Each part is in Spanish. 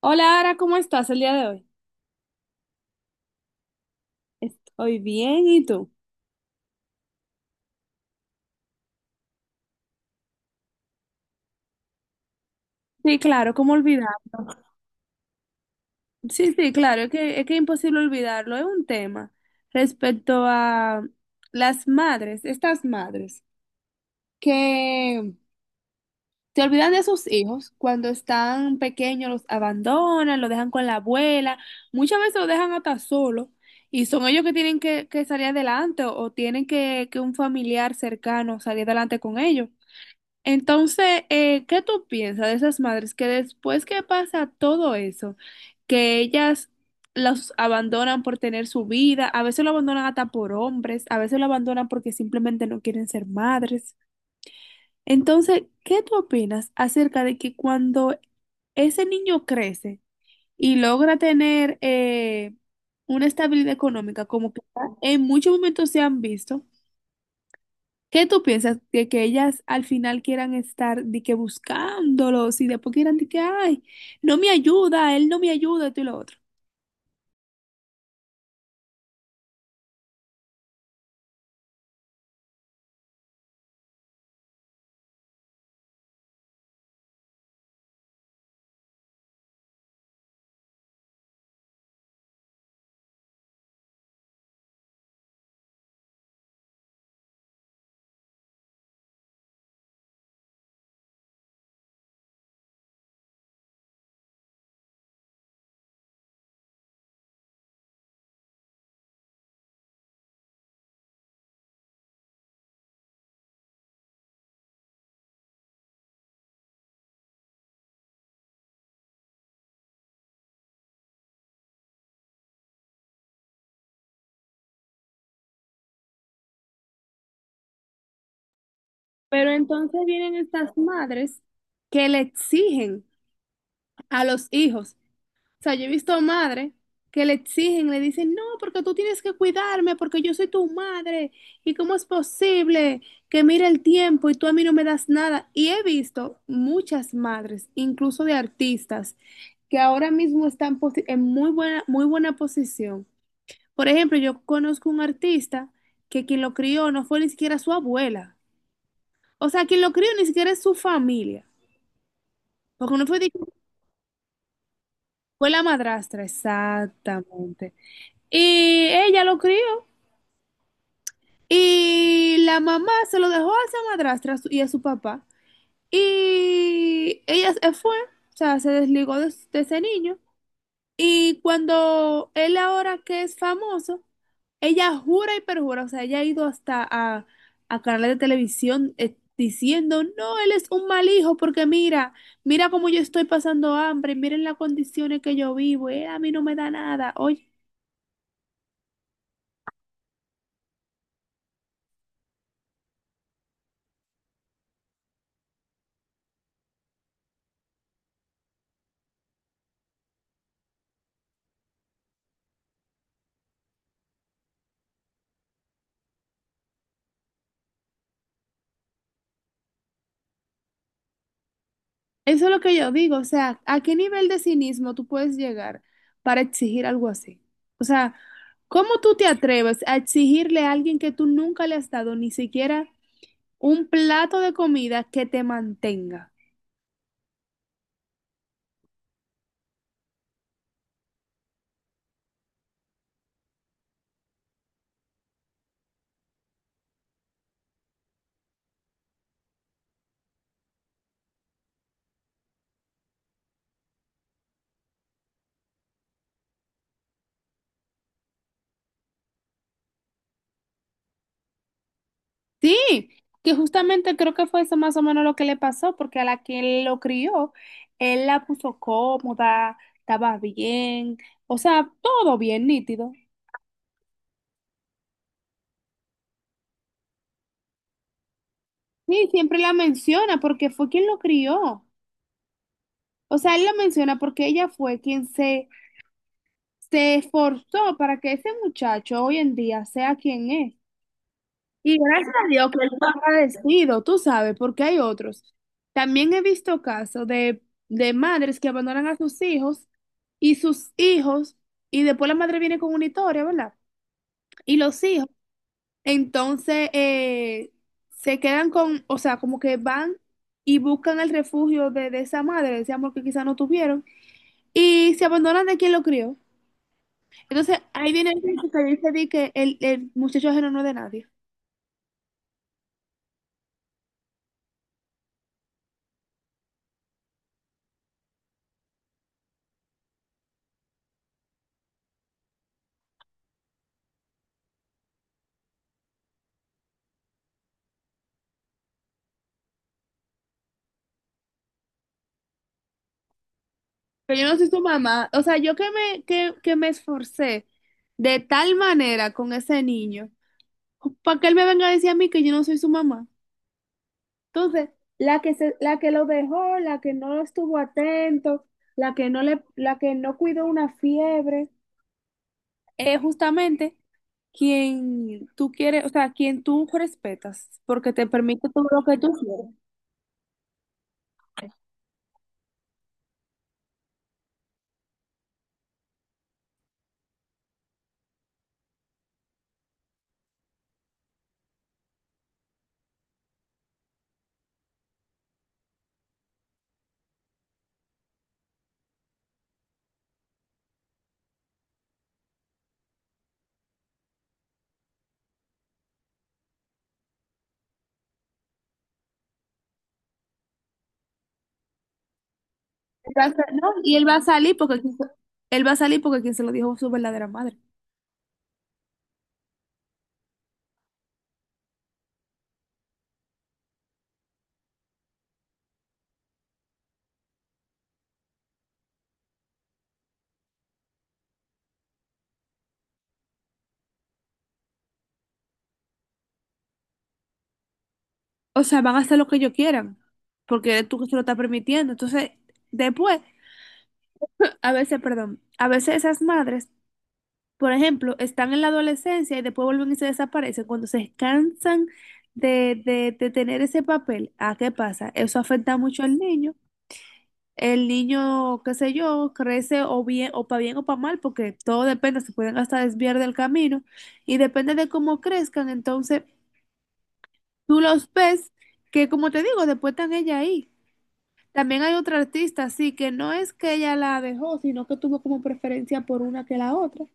Hola, Ara, ¿cómo estás el día de hoy? Hoy bien, ¿y tú? Sí, claro, ¿cómo olvidar? Sí, sí, claro, es que es imposible olvidarlo. Es un tema respecto a las madres, estas madres que se olvidan de sus hijos cuando están pequeños, los abandonan, lo dejan con la abuela, muchas veces lo dejan hasta solo y son ellos que tienen que salir adelante o tienen que un familiar cercano salir adelante con ellos. Entonces, ¿qué tú piensas de esas madres que después que pasa todo eso, que ellas los abandonan por tener su vida, a veces lo abandonan hasta por hombres, a veces lo abandonan porque simplemente no quieren ser madres? Entonces, ¿qué tú opinas acerca de que cuando ese niño crece y logra tener una estabilidad económica, como que en muchos momentos se han visto, ¿qué tú piensas de que ellas al final quieran estar de que buscándolos y después quieran de que, ay, no me ayuda, él no me ayuda, esto y lo otro? Pero entonces vienen estas madres que le exigen a los hijos. O sea, yo he visto madres que le exigen, le dicen, no, porque tú tienes que cuidarme, porque yo soy tu madre, y cómo es posible que mire el tiempo y tú a mí no me das nada. Y he visto muchas madres, incluso de artistas, que ahora mismo están en muy buena posición. Por ejemplo, yo conozco un artista que quien lo crió no fue ni siquiera su abuela. O sea, quien lo crió ni siquiera es su familia. Porque no fue, de- fue la madrastra, exactamente. Y ella lo crió. Y la mamá se lo dejó a esa madrastra y a su papá. Y ella se fue, o sea, se desligó de ese niño. Y cuando él ahora que es famoso, ella jura y perjura, o sea, ella ha ido hasta a canales de televisión, diciendo, no, él es un mal hijo porque mira, mira cómo yo estoy pasando hambre, miren las condiciones que yo vivo, él a mí no me da nada. Oye. Eso es lo que yo digo, o sea, ¿a qué nivel de cinismo tú puedes llegar para exigir algo así? O sea, ¿cómo tú te atreves a exigirle a alguien que tú nunca le has dado ni siquiera un plato de comida que te mantenga? Sí, que justamente creo que fue eso más o menos lo que le pasó, porque a la que lo crió, él la puso cómoda, estaba bien, o sea, todo bien nítido. Sí, siempre la menciona porque fue quien lo crió. O sea, él lo menciona porque ella fue quien se, se esforzó para que ese muchacho hoy en día sea quien es. Y gracias a Dios que él fue agradecido, tú sabes, porque hay otros. También he visto casos de madres que abandonan a sus hijos, y después la madre viene con una historia, ¿verdad? Y los hijos, entonces, se quedan con, o sea, como que van y buscan el refugio de esa madre, de ese amor que quizás no tuvieron, y se abandonan de quien lo crió. Entonces, ahí viene el dicho que dice de que el muchacho ajeno no es de nadie. Pero yo no soy su mamá. O sea, yo que me esforcé de tal manera con ese niño, para que él me venga a decir a mí que yo no soy su mamá. Entonces, la que lo dejó, la que no estuvo atento, la que no cuidó una fiebre, es justamente quien tú quieres, o sea, quien tú respetas, porque te permite todo lo que tú quieres. Va a sa- no, y él va a salir porque quien se- Él va a salir porque quien se lo dijo es su verdadera madre. O sea, van a hacer lo que ellos quieran, porque eres tú que se lo estás permitiendo. Entonces, después, a veces, perdón, a veces esas madres, por ejemplo, están en la adolescencia y después vuelven y se desaparecen. Cuando se cansan de tener ese papel, ¿a qué pasa? Eso afecta mucho al niño. El niño, qué sé yo, crece o bien o para mal, porque todo depende, se pueden hasta desviar del camino y depende de cómo crezcan, entonces tú los ves que como te digo, después están ella ahí. También hay otra artista, sí, que no es que ella la dejó, sino que tuvo como preferencia por una que la otra.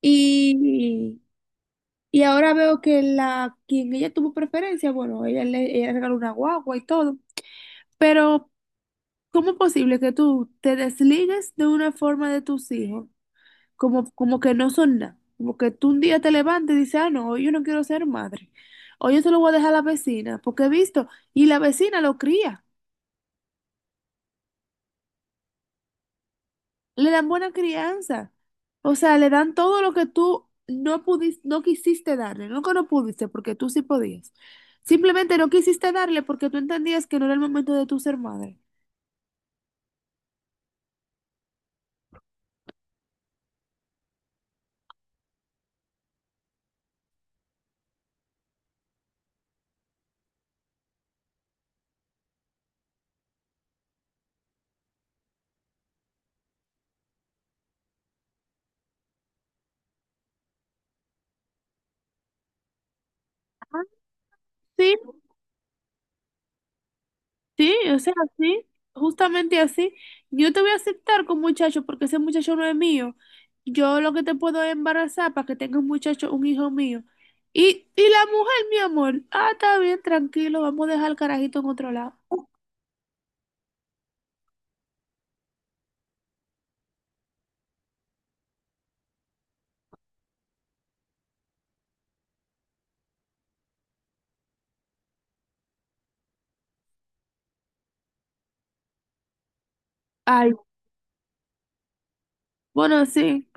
Y, y ahora veo que la quien ella tuvo preferencia, bueno, ella le regaló una guagua y todo, pero ¿cómo es posible que tú te desligues de una forma de tus hijos? Como, como que no son nada. Como que tú un día te levantas y dices, ah, no, hoy yo no quiero ser madre. Hoy yo se lo voy a dejar a la vecina, porque he visto, y la vecina lo cría, le dan buena crianza. O sea, le dan todo lo que tú no pudiste, no quisiste darle, no que no pudiste, porque tú sí podías. Simplemente no quisiste darle porque tú entendías que no era el momento de tu ser madre. Ah, sí. Sí, o sea, sí, justamente así. Yo te voy a aceptar con muchacho porque ese muchacho no es mío. Yo lo que te puedo es embarazar para que tengas un muchacho, un hijo mío. Y la mujer, mi amor, ah, está bien, tranquilo, vamos a dejar al carajito en otro lado. Ay, bueno, sí.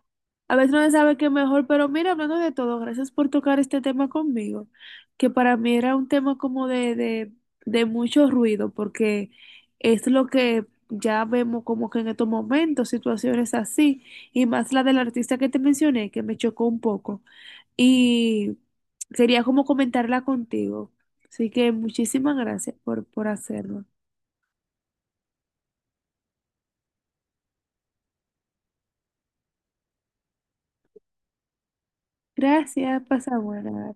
A veces no se sabe qué mejor, pero mira, hablando de todo, gracias por tocar este tema conmigo, que para mí era un tema como de mucho ruido, porque es lo que ya vemos como que en estos momentos, situaciones así, y más la del artista que te mencioné, que me chocó un poco, y quería como comentarla contigo. Así que muchísimas gracias por hacerlo. Gracias, pasa buena.